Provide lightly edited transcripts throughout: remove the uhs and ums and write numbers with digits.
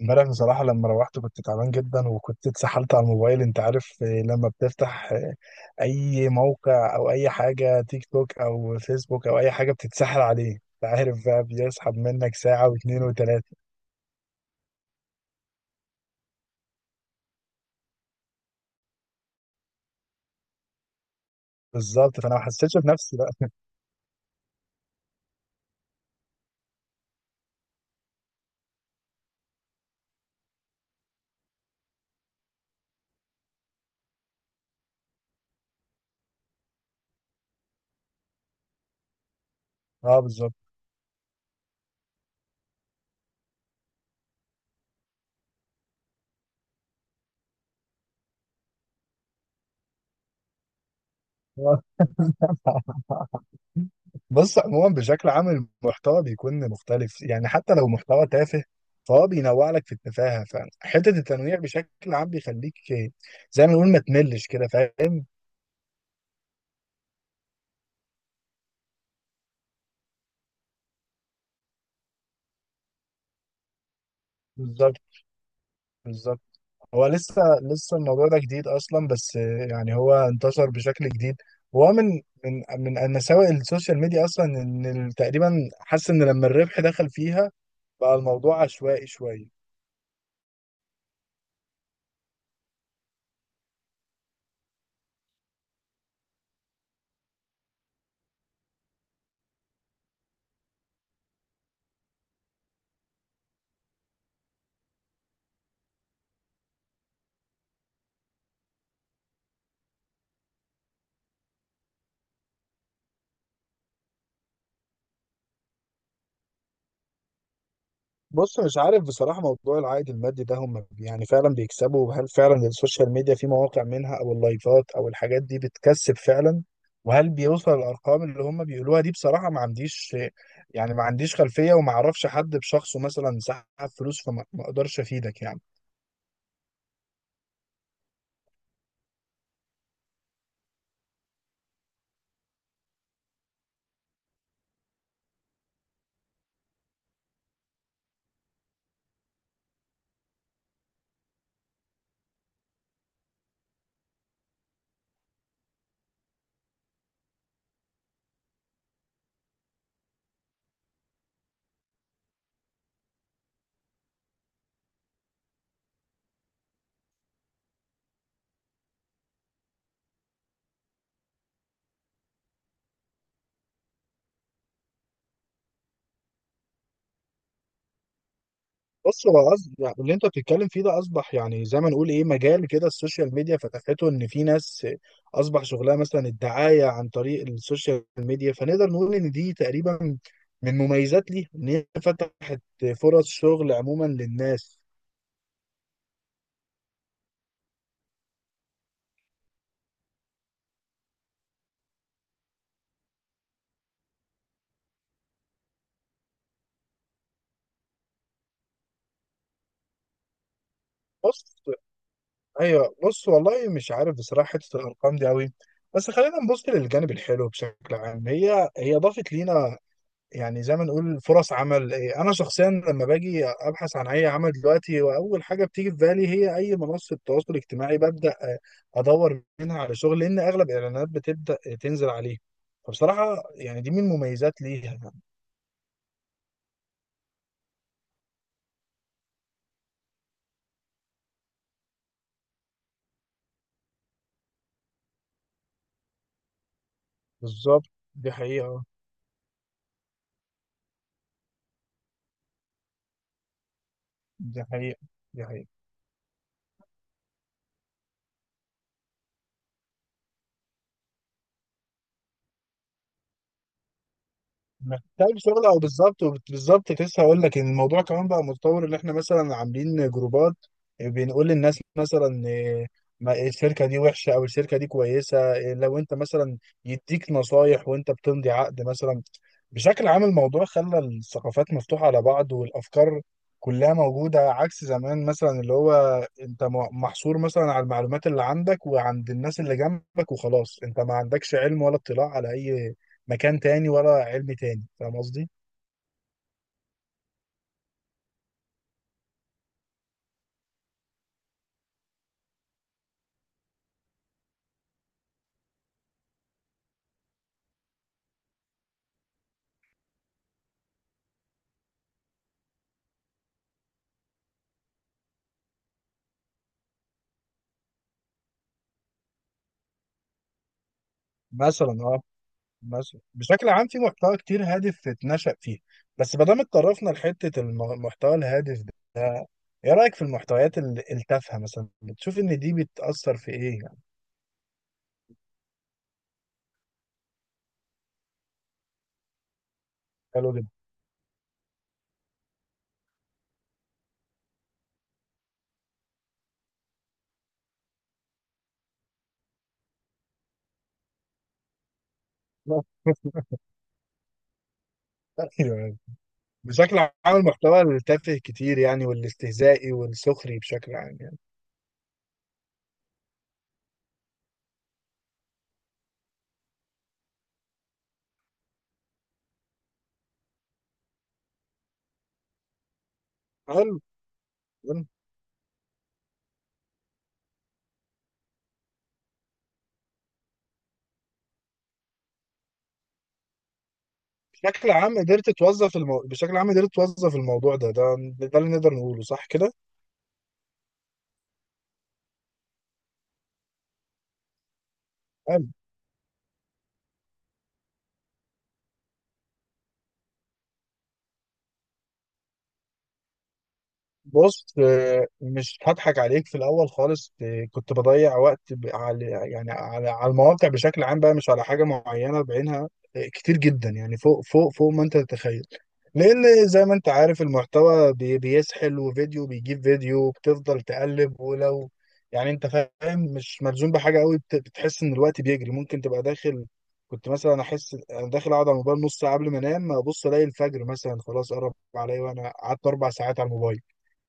امبارح بصراحة لما روحت كنت تعبان جدا وكنت اتسحلت على الموبايل انت عارف. لما بتفتح اي موقع او اي حاجة، تيك توك او فيسبوك او اي حاجة بتتسحل عليه انت عارف بقى، بيسحب منك ساعة واتنين وتلاتة. بالظبط، فانا ما حسيتش بنفسي بقى. اه بالظبط. آه. بص، عموما بشكل عام المحتوى بيكون مختلف يعني، حتى لو محتوى تافه فهو بينوع لك في التفاهة. فحتة التنويع بشكل عام بيخليك زي ما نقول ما تملش كده، فاهم. بالظبط، بالظبط. هو لسه الموضوع ده جديد اصلا، بس يعني هو انتشر بشكل جديد. وهو من من مساوئ السوشيال ميديا اصلا، ان تقريبا حاسس ان لما الربح دخل فيها بقى الموضوع عشوائي شويه. بص، مش عارف بصراحه، موضوع العائد المادي ده هم يعني فعلا بيكسبوا؟ هل فعلا السوشيال ميديا في مواقع منها او اللايفات او الحاجات دي بتكسب فعلا؟ وهل بيوصل الارقام اللي هم بيقولوها دي؟ بصراحه ما عنديش، يعني ما عنديش خلفيه، وما اعرفش حد بشخصه مثلا سحب فلوس. فما ما اقدرش افيدك يعني. بص، هو قصد يعني اللي انت بتتكلم فيه ده اصبح يعني زي ما نقول ايه، مجال كده السوشيال ميديا فتحته، ان في ناس اصبح شغلها مثلا الدعايه عن طريق السوشيال ميديا. فنقدر نقول ان دي تقريبا من مميزات ليها، ان هي فتحت فرص شغل عموما للناس. بص، ايوه. بص، والله مش عارف بصراحه حته الارقام دي قوي. بس خلينا نبص للجانب الحلو بشكل عام، هي ضافت لينا يعني زي ما نقول فرص عمل. انا شخصيا لما باجي ابحث عن اي عمل دلوقتي، واول حاجه بتيجي في بالي هي اي منصه تواصل اجتماعي، ببدا ادور منها على شغل، لان اغلب الاعلانات بتبدا تنزل عليه. فبصراحه يعني دي من المميزات ليها. بالظبط. دي حقيقه، دي حقيقه، دي حقيقه. محتاج شغل او بالظبط، بالظبط كنت لسه هقول لك ان الموضوع كمان بقى متطور، ان احنا مثلا عاملين جروبات بنقول للناس مثلا الشركه دي وحشه او الشركه دي كويسه. لو انت مثلا يديك نصايح وانت بتمضي عقد مثلا. بشكل عام الموضوع خلى الثقافات مفتوحه على بعض، والافكار كلها موجوده عكس زمان مثلا، اللي هو انت محصور مثلا على المعلومات اللي عندك وعند الناس اللي جنبك وخلاص، انت ما عندكش علم ولا اطلاع على اي مكان تاني ولا علم تاني. فاهم قصدي؟ مثلا اه. مثلا بشكل عام في محتوى كتير هادف اتنشأ فيه. بس ما دام اتطرفنا لحتة المحتوى الهادف ده، ايه رأيك في المحتويات التافهة مثلا؟ بتشوف ان دي بتأثر في ايه يعني؟ حلو جدا. ايوه، بشكل عام المحتوى التافه كتير يعني، والاستهزائي والسخري بشكل عام يعني. حلو. حلو. بشكل عام قدرت توظف بشكل عام قدرت توظف الموضوع ده، ده اللي نقدر نقوله صح كده؟ بص، مش هضحك عليك في الاول خالص. كنت بضيع وقت على يعني، على المواقع بشكل عام بقى، مش على حاجه معينه بعينها. كتير جدا يعني، فوق فوق فوق ما انت تتخيل. لان زي ما انت عارف المحتوى بيسحل، وفيديو بيجيب فيديو بتفضل تقلب، ولو يعني انت فاهم مش ملزوم بحاجه قوي، بتحس ان الوقت بيجري. ممكن تبقى داخل، كنت مثلا احس انا داخل اقعد على الموبايل نص ساعه قبل ما انام، ابص الاقي الفجر مثلا خلاص قرب عليا وانا قعدت اربع ساعات على الموبايل.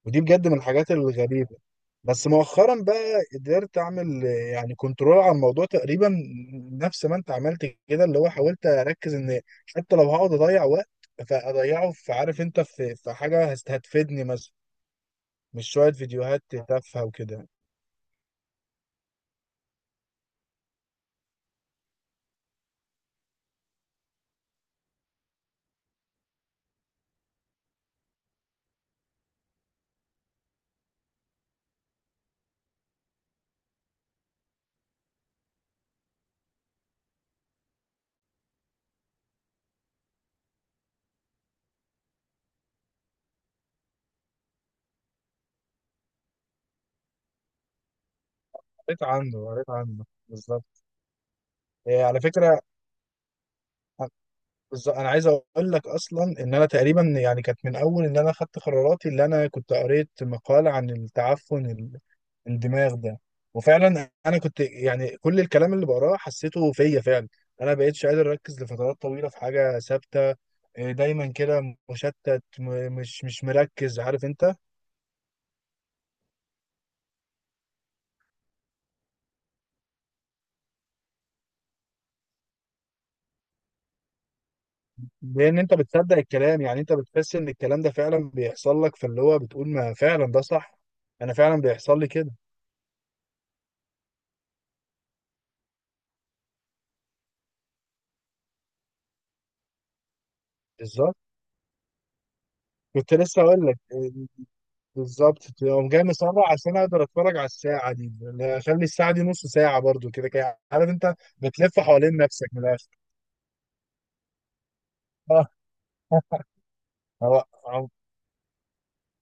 ودي بجد من الحاجات الغريبة. بس مؤخرا بقى قدرت اعمل يعني كنترول على الموضوع تقريبا. نفس ما انت عملت كده، اللي هو حاولت اركز ان حتى لو هقعد اضيع وقت فاضيعه في، عارف انت، في حاجة هتفيدني مثلا، مش شوية فيديوهات تافهة وكده. قريت عنه، قريت عنه بالظبط. على فكرة بالظبط انا عايز اقول لك اصلا، ان انا تقريبا يعني كانت من اول ان انا خدت قراراتي، اللي انا كنت قريت مقال عن التعفن الدماغ ده. وفعلا انا كنت يعني كل الكلام اللي بقراه حسيته فيا فعلا. انا بقيتش قادر اركز لفترات طويله في حاجه ثابته. دايما كده مشتت، مش مركز، عارف انت. لان انت بتصدق الكلام، يعني انت بتحس ان الكلام ده فعلا بيحصل لك، فاللي هو بتقول ما فعلا ده صح. انا فعلا بيحصل لي كده. بالظبط كنت لسه اقول لك بالظبط، تقوم جاي مسرع عشان اقدر اتفرج على الساعه دي، اللي هي اخلي الساعه دي نص ساعه برضو كده كده، عارف انت بتلف حوالين نفسك من الاخر. اه.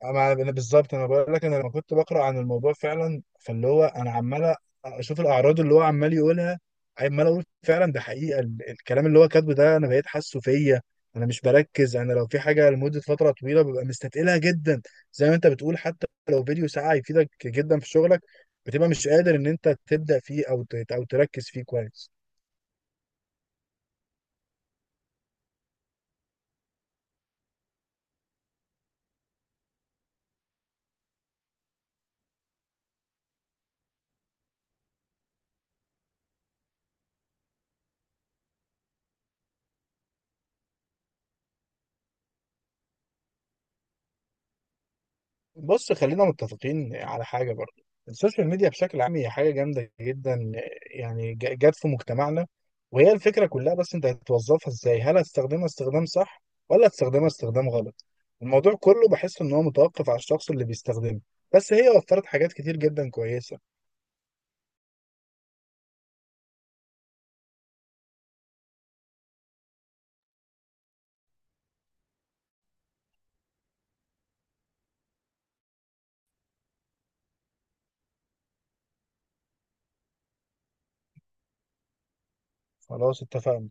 أنا بالظبط، انا بقول لك، انا لما كنت بقرا عن الموضوع فعلا، فاللي هو انا عمال اشوف الاعراض اللي هو عمال يقولها، عمال اقول فعلا ده حقيقه، الكلام اللي هو كاتبه ده انا بقيت حاسه فيا. انا مش بركز، انا لو في حاجه لمده فتره طويله ببقى مستثقلها جدا. زي ما انت بتقول، حتى لو فيديو ساعه يفيدك جدا في شغلك بتبقى مش قادر ان انت تبدا فيه، او او تركز فيه كويس. بص، خلينا متفقين على حاجة برضو. السوشيال ميديا بشكل عام هي حاجة جامدة جدا يعني، جت في مجتمعنا. وهي الفكرة كلها، بس انت هتوظفها ازاي؟ هل هتستخدمها استخدام صح، ولا هتستخدمها استخدام غلط؟ الموضوع كله بحس ان هو متوقف على الشخص اللي بيستخدمه. بس هي وفرت حاجات كتير جدا كويسة. خلاص اتفقنا.